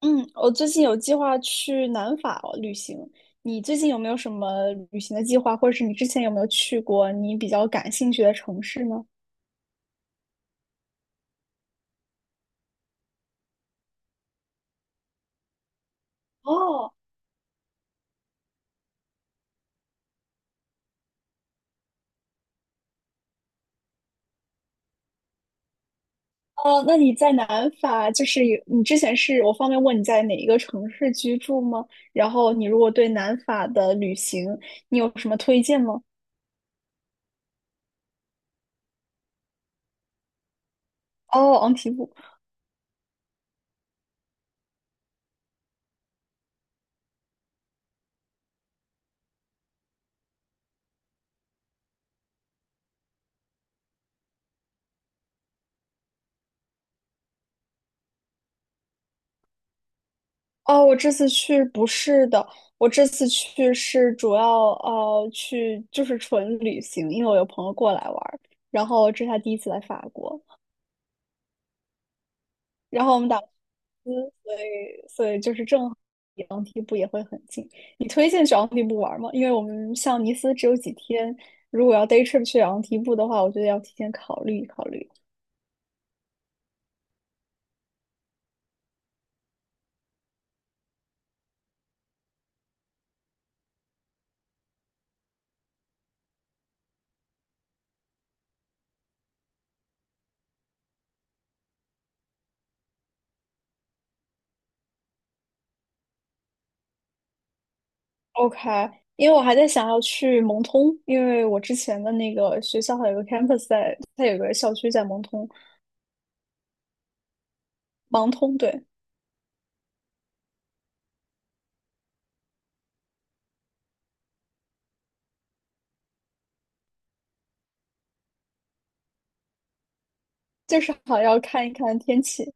嗯，我最近有计划去南法旅行。你最近有没有什么旅行的计划，或者是你之前有没有去过你比较感兴趣的城市呢？哦，哦，那你在南法，就是有你之前是我方便问你在哪一个城市居住吗？然后你如果对南法的旅行，你有什么推荐吗？哦，昂提布。哦，我这次去不是的，我这次去是主要去就是纯旅行，因为我有朋友过来玩儿，然后这是他第一次来法国，然后我们打嗯所以就是正好离昂蒂布也会很近。你推荐去昂蒂布玩儿吗？因为我们像尼斯只有几天，如果要 day trip 去昂蒂布的话，我觉得要提前考虑考虑。OK,因为我还在想要去蒙通，因为我之前的那个学校还有个 campus 在，它有个校区在蒙通，盲通，对，就是好要看一看天气。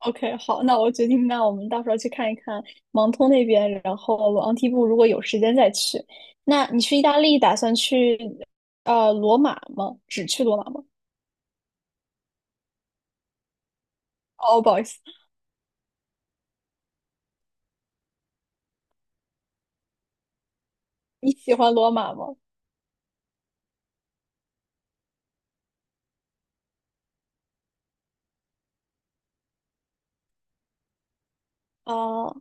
OK，好，那我决定，那我们到时候去看一看盲通那边，然后昂蒂布如果有时间再去。那你去意大利打算去罗马吗？只去罗马吗？哦，不好意思，你喜欢罗马吗？啊、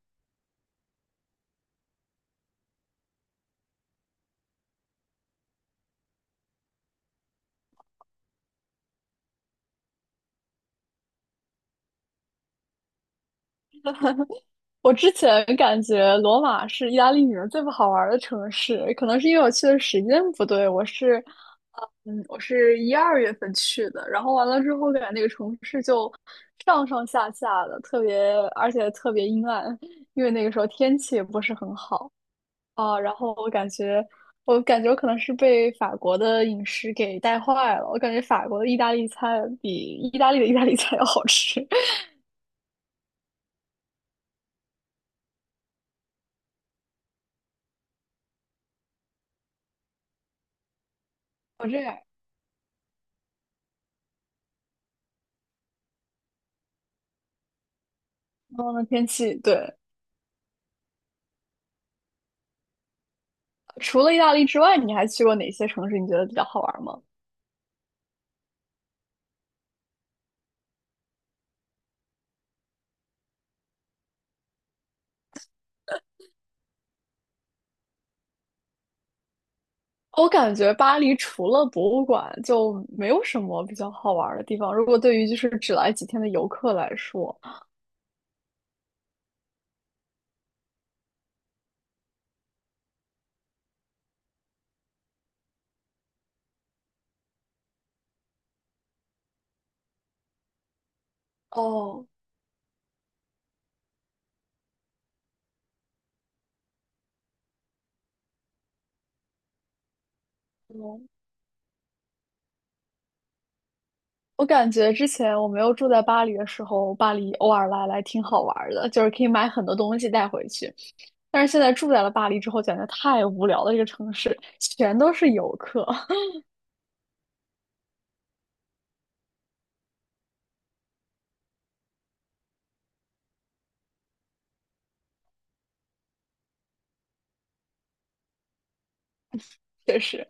我之前感觉罗马是意大利里面最不好玩儿的城市，可能是因为我去的时间不对。我是，嗯，我是一二月份去的，然后完了之后，感觉那个城市就上上下下的，特别，而且特别阴暗，因为那个时候天气也不是很好啊。然后我感觉，我感觉我可能是被法国的饮食给带坏了。我感觉法国的意大利菜比意大利的意大利菜要好吃。我这样，然后呢，天气对。除了意大利之外，你还去过哪些城市？你觉得比较好玩吗？我感觉巴黎除了博物馆，就没有什么比较好玩的地方。如果对于就是只来几天的游客来说，哦，嗯我感觉之前我没有住在巴黎的时候，巴黎偶尔来来挺好玩的，就是可以买很多东西带回去。但是现在住在了巴黎之后，简直太无聊了。这个城市全都是游客，确实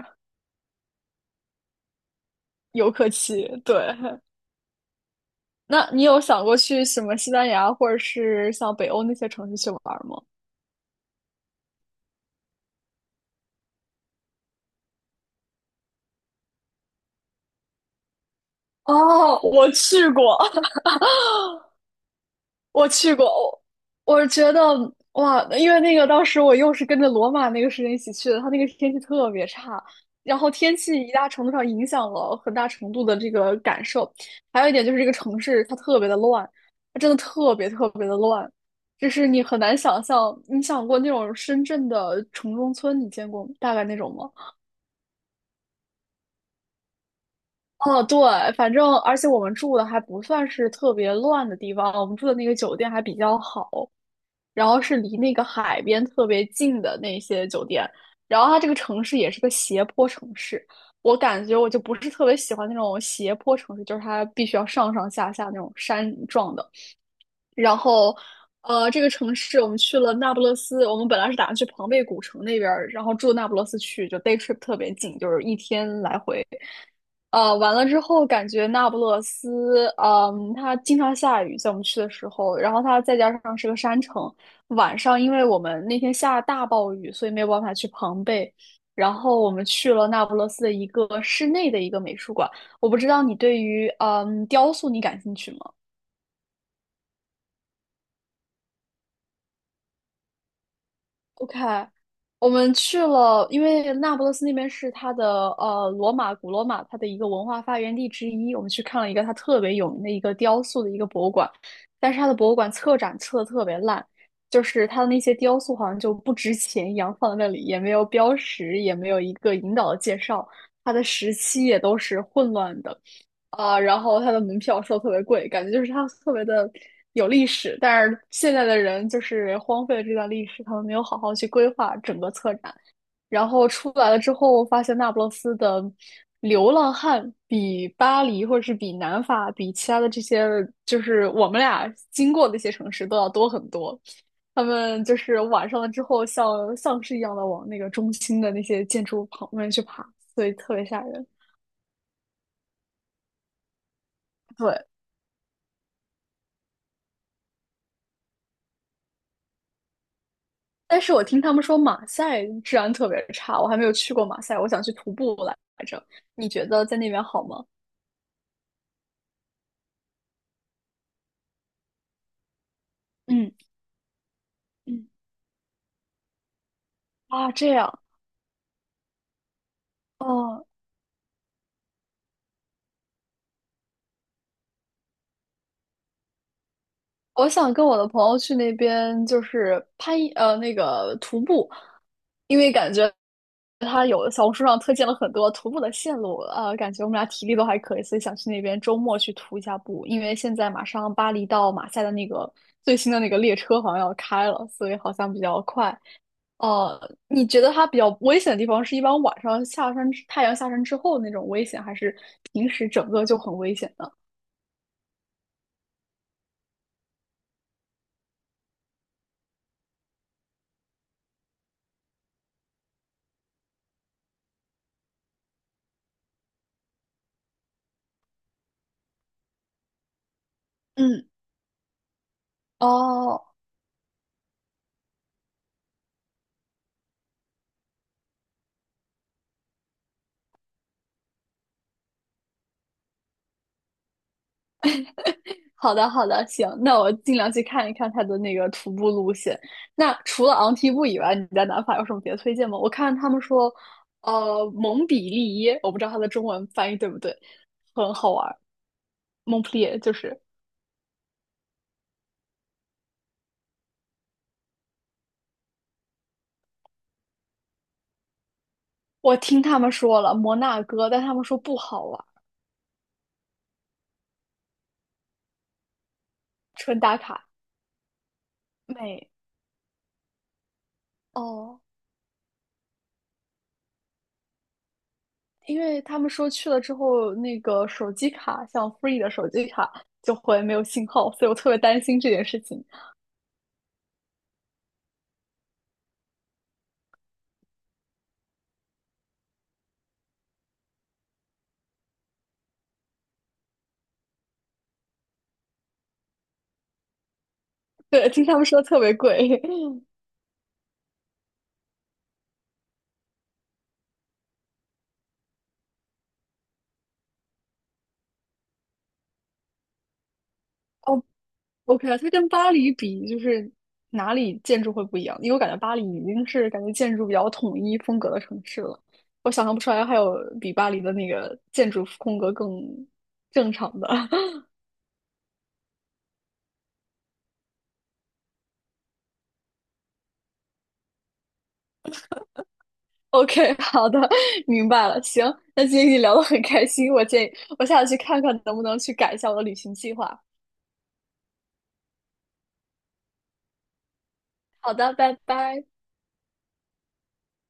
游客气，对。那你有想过去什么西班牙或者是像北欧那些城市去玩儿吗？哦，我去过，我去过，我觉得哇，因为那个当时我又是跟着罗马那个时间一起去的，它那个天气特别差，然后天气一大程度上影响了很大程度的这个感受，还有一点就是这个城市它特别的乱，它真的特别特别的乱，就是你很难想象，你想过那种深圳的城中村，你见过吗大概那种吗？哦，对，反正而且我们住的还不算是特别乱的地方，我们住的那个酒店还比较好，然后是离那个海边特别近的那些酒店，然后它这个城市也是个斜坡城市，我感觉我就不是特别喜欢那种斜坡城市，就是它必须要上上下下那种山状的。然后，这个城市我们去了那不勒斯，我们本来是打算去庞贝古城那边儿，然后住那不勒斯去，就 day trip 特别近，就是一天来回。完了之后感觉那不勒斯，嗯，它经常下雨，在我们去的时候，然后它再加上是个山城，晚上因为我们那天下大暴雨，所以没有办法去庞贝，然后我们去了那不勒斯的一个室内的一个美术馆。我不知道你对于雕塑你感兴趣吗？OK，我们去了，因为那不勒斯那边是它的罗马古罗马它的一个文化发源地之一，我们去看了一个它特别有名的一个雕塑的一个博物馆，但是它的博物馆策展策的特别烂，就是它的那些雕塑好像就不值钱一样放在那里，也没有标识，也没有一个引导的介绍，它的时期也都是混乱的。啊，然后它的门票收特别贵，感觉就是它特别的有历史，但是现在的人就是荒废了这段历史，他们没有好好去规划整个策展，然后出来了之后，发现那不勒斯的流浪汉比巴黎或者是比南法、比其他的这些，就是我们俩经过的一些城市都要多很多。他们就是晚上了之后像，像丧尸一样的往那个中心的那些建筑旁边去爬，所以特别吓人。对，但是我听他们说马赛治安特别差，我还没有去过马赛，我想去徒步来着。你觉得在那边好吗？嗯嗯，啊，这样哦，我想跟我的朋友去那边，就是那个徒步，因为感觉他有小红书上推荐了很多徒步的线路，感觉我们俩体力都还可以，所以想去那边周末去徒一下步。因为现在马上巴黎到马赛的那个最新的那个列车好像要开了，所以好像比较快。哦，你觉得它比较危险的地方是一般晚上下山之太阳下山之后那种危险，还是平时整个就很危险呢？嗯，哦，好的好的，行，那我尽量去看一看它的那个徒步路线。那除了昂提布以外，你在南法有什么别的推荐吗？我看他们说，蒙彼利耶，我不知道它的中文翻译对不对，很好玩蒙普利耶就是我听他们说了摩纳哥，但他们说不好玩纯打卡。美哦。因为他们说去了之后，那个手机卡，像 Free 的手机卡就会没有信号，所以我特别担心这件事情。对，听他们说特别贵。哦，OK，啊，它跟巴黎比，就是哪里建筑会不一样？因为我感觉巴黎已经是感觉建筑比较统一风格的城市了，我想象不出来还有比巴黎的那个建筑风格更正常的。OK，好的，明白了。行，那今天跟你聊得很开心，我建议我下次去看看能不能去改一下我的旅行计划。好的，拜拜。